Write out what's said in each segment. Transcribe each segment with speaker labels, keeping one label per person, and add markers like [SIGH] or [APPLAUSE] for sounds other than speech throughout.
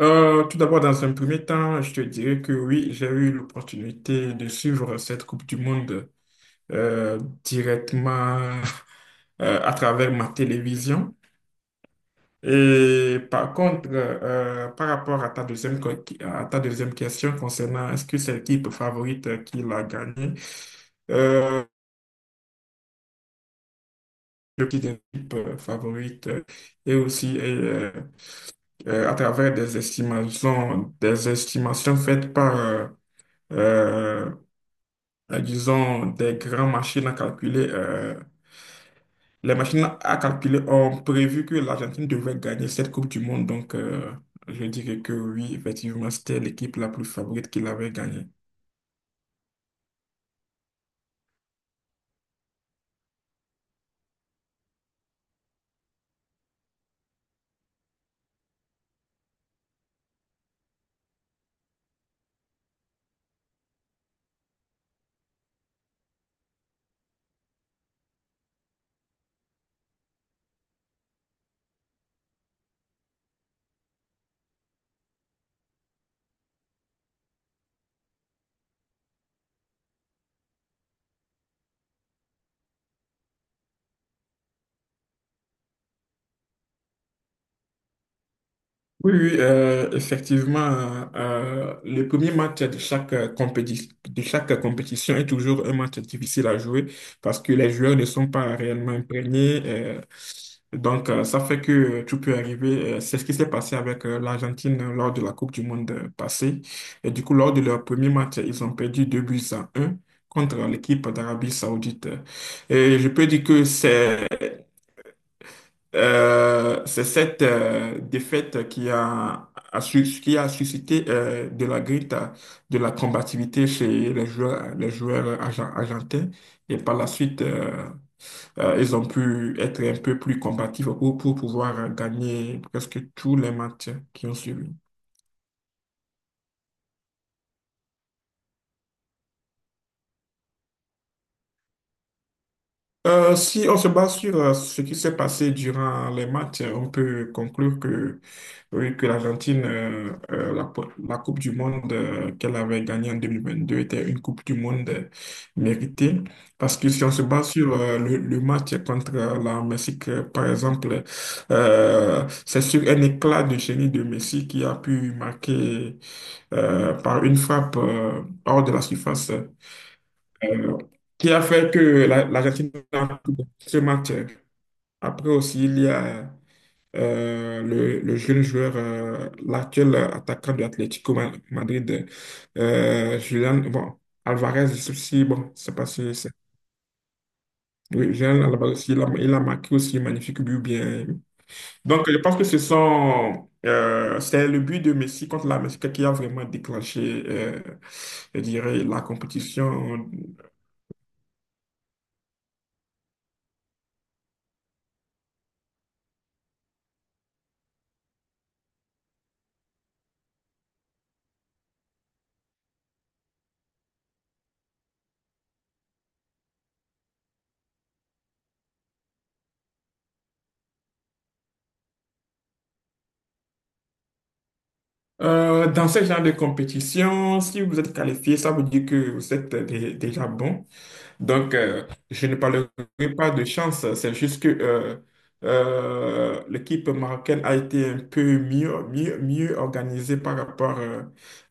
Speaker 1: Tout d'abord, dans un premier temps, je te dirais que oui, j'ai eu l'opportunité de suivre cette Coupe du Monde euh, directement à travers ma télévision. Et par contre, par rapport à ta deuxième, à ta deuxième question concernant est-ce que c'est l'équipe favorite qui l'a gagné, euh, petite équipe favorite, et aussi, à travers des estimations faites par euh, disons, des grands machines à calculer. Les machines à calculer ont prévu que l'Argentine devait gagner cette Coupe du Monde. Donc, je dirais que oui, effectivement, c'était l'équipe la plus favorite qui l'avait gagnée. Oui, oui, effectivement, le premier match de chaque de chaque compétition est toujours un match difficile à jouer parce que les joueurs ne sont pas réellement imprégnés. Donc, ça fait que tout peut arriver. C'est ce qui s'est passé avec l'Argentine lors de la Coupe du Monde passée. Et du coup, lors de leur premier match, ils ont perdu 2 buts à un contre l'équipe d'Arabie Saoudite. Et je peux dire que c'est cette défaite qui a suscité de la grinta, de la combativité chez les joueurs argentins. Et par la suite, ils ont pu être un peu plus combatifs pour pouvoir gagner presque tous les matchs qui ont suivi. Si on se base sur ce qui s'est passé durant les matchs, on peut conclure que, oui, que l'Argentine, la Coupe du Monde qu'elle avait gagnée en 2022 était une Coupe du Monde méritée. Parce que si on se base sur le match contre la Mexique, par exemple, c'est sur un éclat de génie de Messi qui a pu marquer par une frappe hors de la surface euh, qui a fait que l'Argentine a pris ce match. Après aussi, il y a le jeune joueur, l'actuel attaquant de Atlético Madrid, Julian bon, Alvarez aussi, bon, je sais pas si bon, c'est… Oui, Julian Alvarez aussi, il a marqué aussi un magnifique but bien. Donc, je pense que ce sont… c'est le but de Messi contre la Mexique qui a vraiment déclenché, je dirais, la compétition. Dans ce genre de compétition, si vous êtes qualifié, ça veut dire que vous êtes déjà bon. Donc, je ne parlerai pas de chance, c'est juste que l'équipe marocaine a été un peu mieux, mieux, mieux organisée par rapport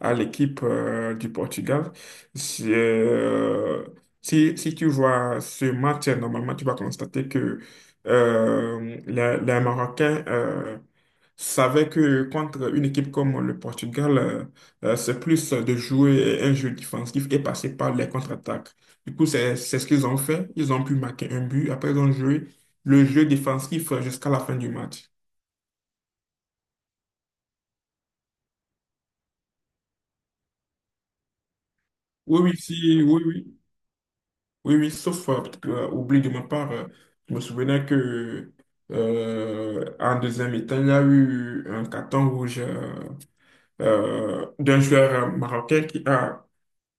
Speaker 1: à l'équipe du Portugal. C'est, euh, Si, si tu vois ce match, normalement, tu vas constater que les Marocains savaient que contre une équipe comme le Portugal, c'est plus de jouer un jeu défensif et passer par les contre-attaques. Du coup, c'est ce qu'ils ont fait. Ils ont pu marquer un but. Après, ils ont joué le jeu défensif jusqu'à la fin du match. Oui, oui, si, oui, oui. Oui, oui, sauf, peut-être que, oubli de ma part, je me souvenais que en deuxième mi-temps, il y a eu un carton rouge d'un joueur marocain qui a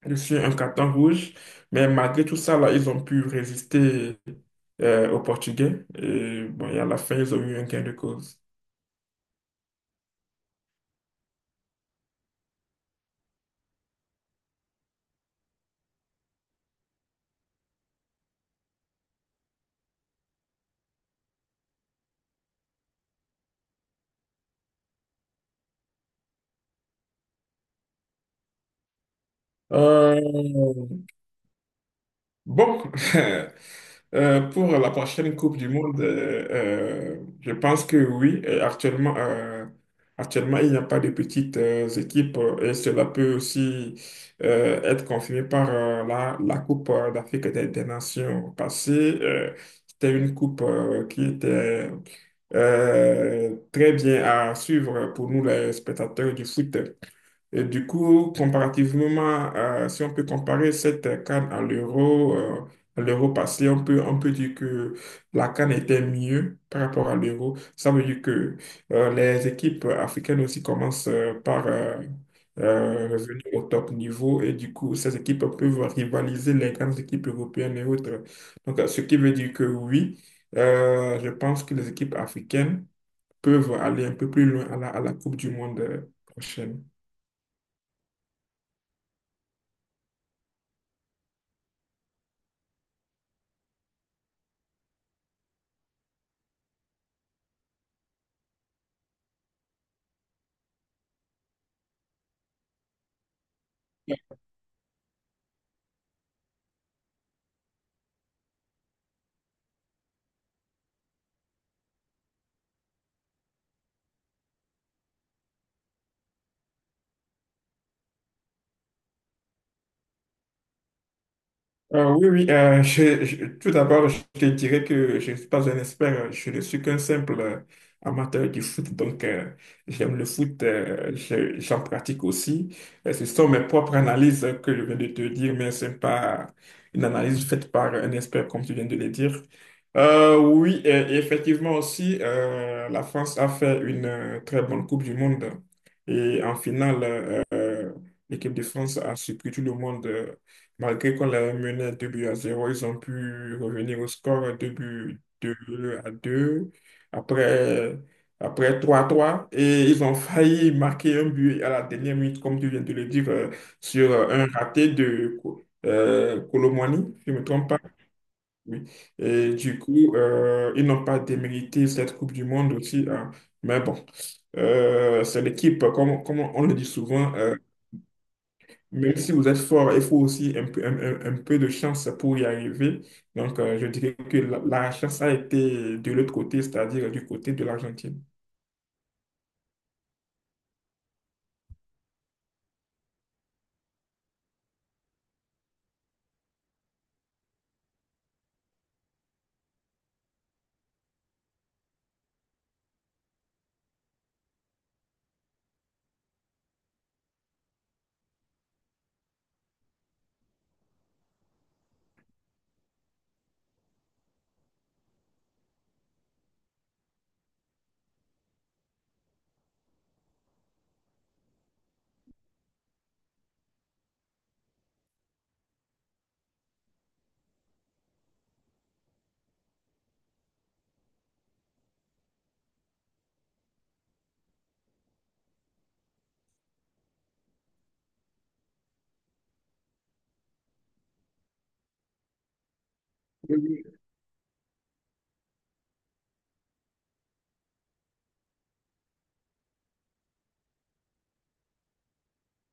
Speaker 1: reçu un carton rouge. Mais malgré tout ça, là, ils ont pu résister aux Portugais. Et bon, et à la fin, ils ont eu un gain de cause. Euh, Bon, [LAUGHS] pour la prochaine Coupe du Monde, je pense que oui. Et actuellement, actuellement, il n'y a pas de petites équipes et cela peut aussi être confirmé par la, la Coupe d'Afrique des Nations passée. Euh, c'était une coupe qui était très bien à suivre pour nous, les spectateurs du foot. Et du coup, comparativement, si on peut comparer cette CAN à l'euro passé, on peut dire que la CAN était mieux par rapport à l'euro. Ça veut dire que les équipes africaines aussi commencent par revenir au top niveau et du coup, ces équipes peuvent rivaliser les grandes équipes européennes et autres. Donc, ce qui veut dire que oui, je pense que les équipes africaines peuvent aller un peu plus loin à la Coupe du Monde prochaine. Oui, [LAUGHS] tout d'abord, je te dirais que je ne suis pas un expert, je ne suis qu'un simple amateur du foot, donc j'aime le foot, j'en pratique aussi. Ce sont mes propres analyses que je viens de te dire, mais ce n'est pas une analyse faite par un expert, comme tu viens de le dire. Oui, et effectivement aussi, la France a fait une très bonne Coupe du Monde et en finale, l'équipe de France a surpris tout le monde. Malgré qu'on l'avait mené à 2 buts à zéro, ils ont pu revenir au score 2 buts, 2 à deux, après, après trois à trois. Et ils ont failli marquer un but à la dernière minute, comme tu viens de le dire, sur un raté de Colomwani, si je ne me trompe pas. Oui. Et du coup, ils n'ont pas démérité cette Coupe du Monde aussi, hein. Mais bon, c'est l'équipe, comme, comme on le dit souvent. Même si vous êtes fort, il faut aussi un peu, un peu de chance pour y arriver. Donc, je dirais que la chance a été de l'autre côté, c'est-à-dire du côté de l'Argentine. Oui.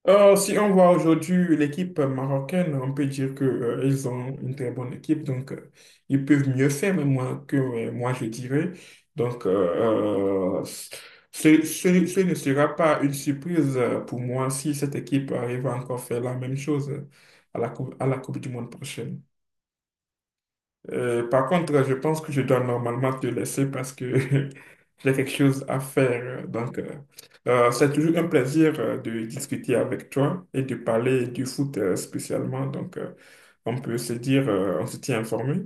Speaker 1: Si on voit aujourd'hui l'équipe marocaine, on peut dire que, ils ont une très bonne équipe, donc ils peuvent mieux faire, mais moi, que moi je dirais. Donc, ce ne sera pas une surprise pour moi si cette équipe arrive à encore faire la même chose à la Coupe du Monde prochaine. Par contre, je pense que je dois normalement te laisser parce que [LAUGHS] j'ai quelque chose à faire. Donc, c'est toujours un plaisir de discuter avec toi et de parler du foot spécialement. Donc, on peut se dire, on se tient informé.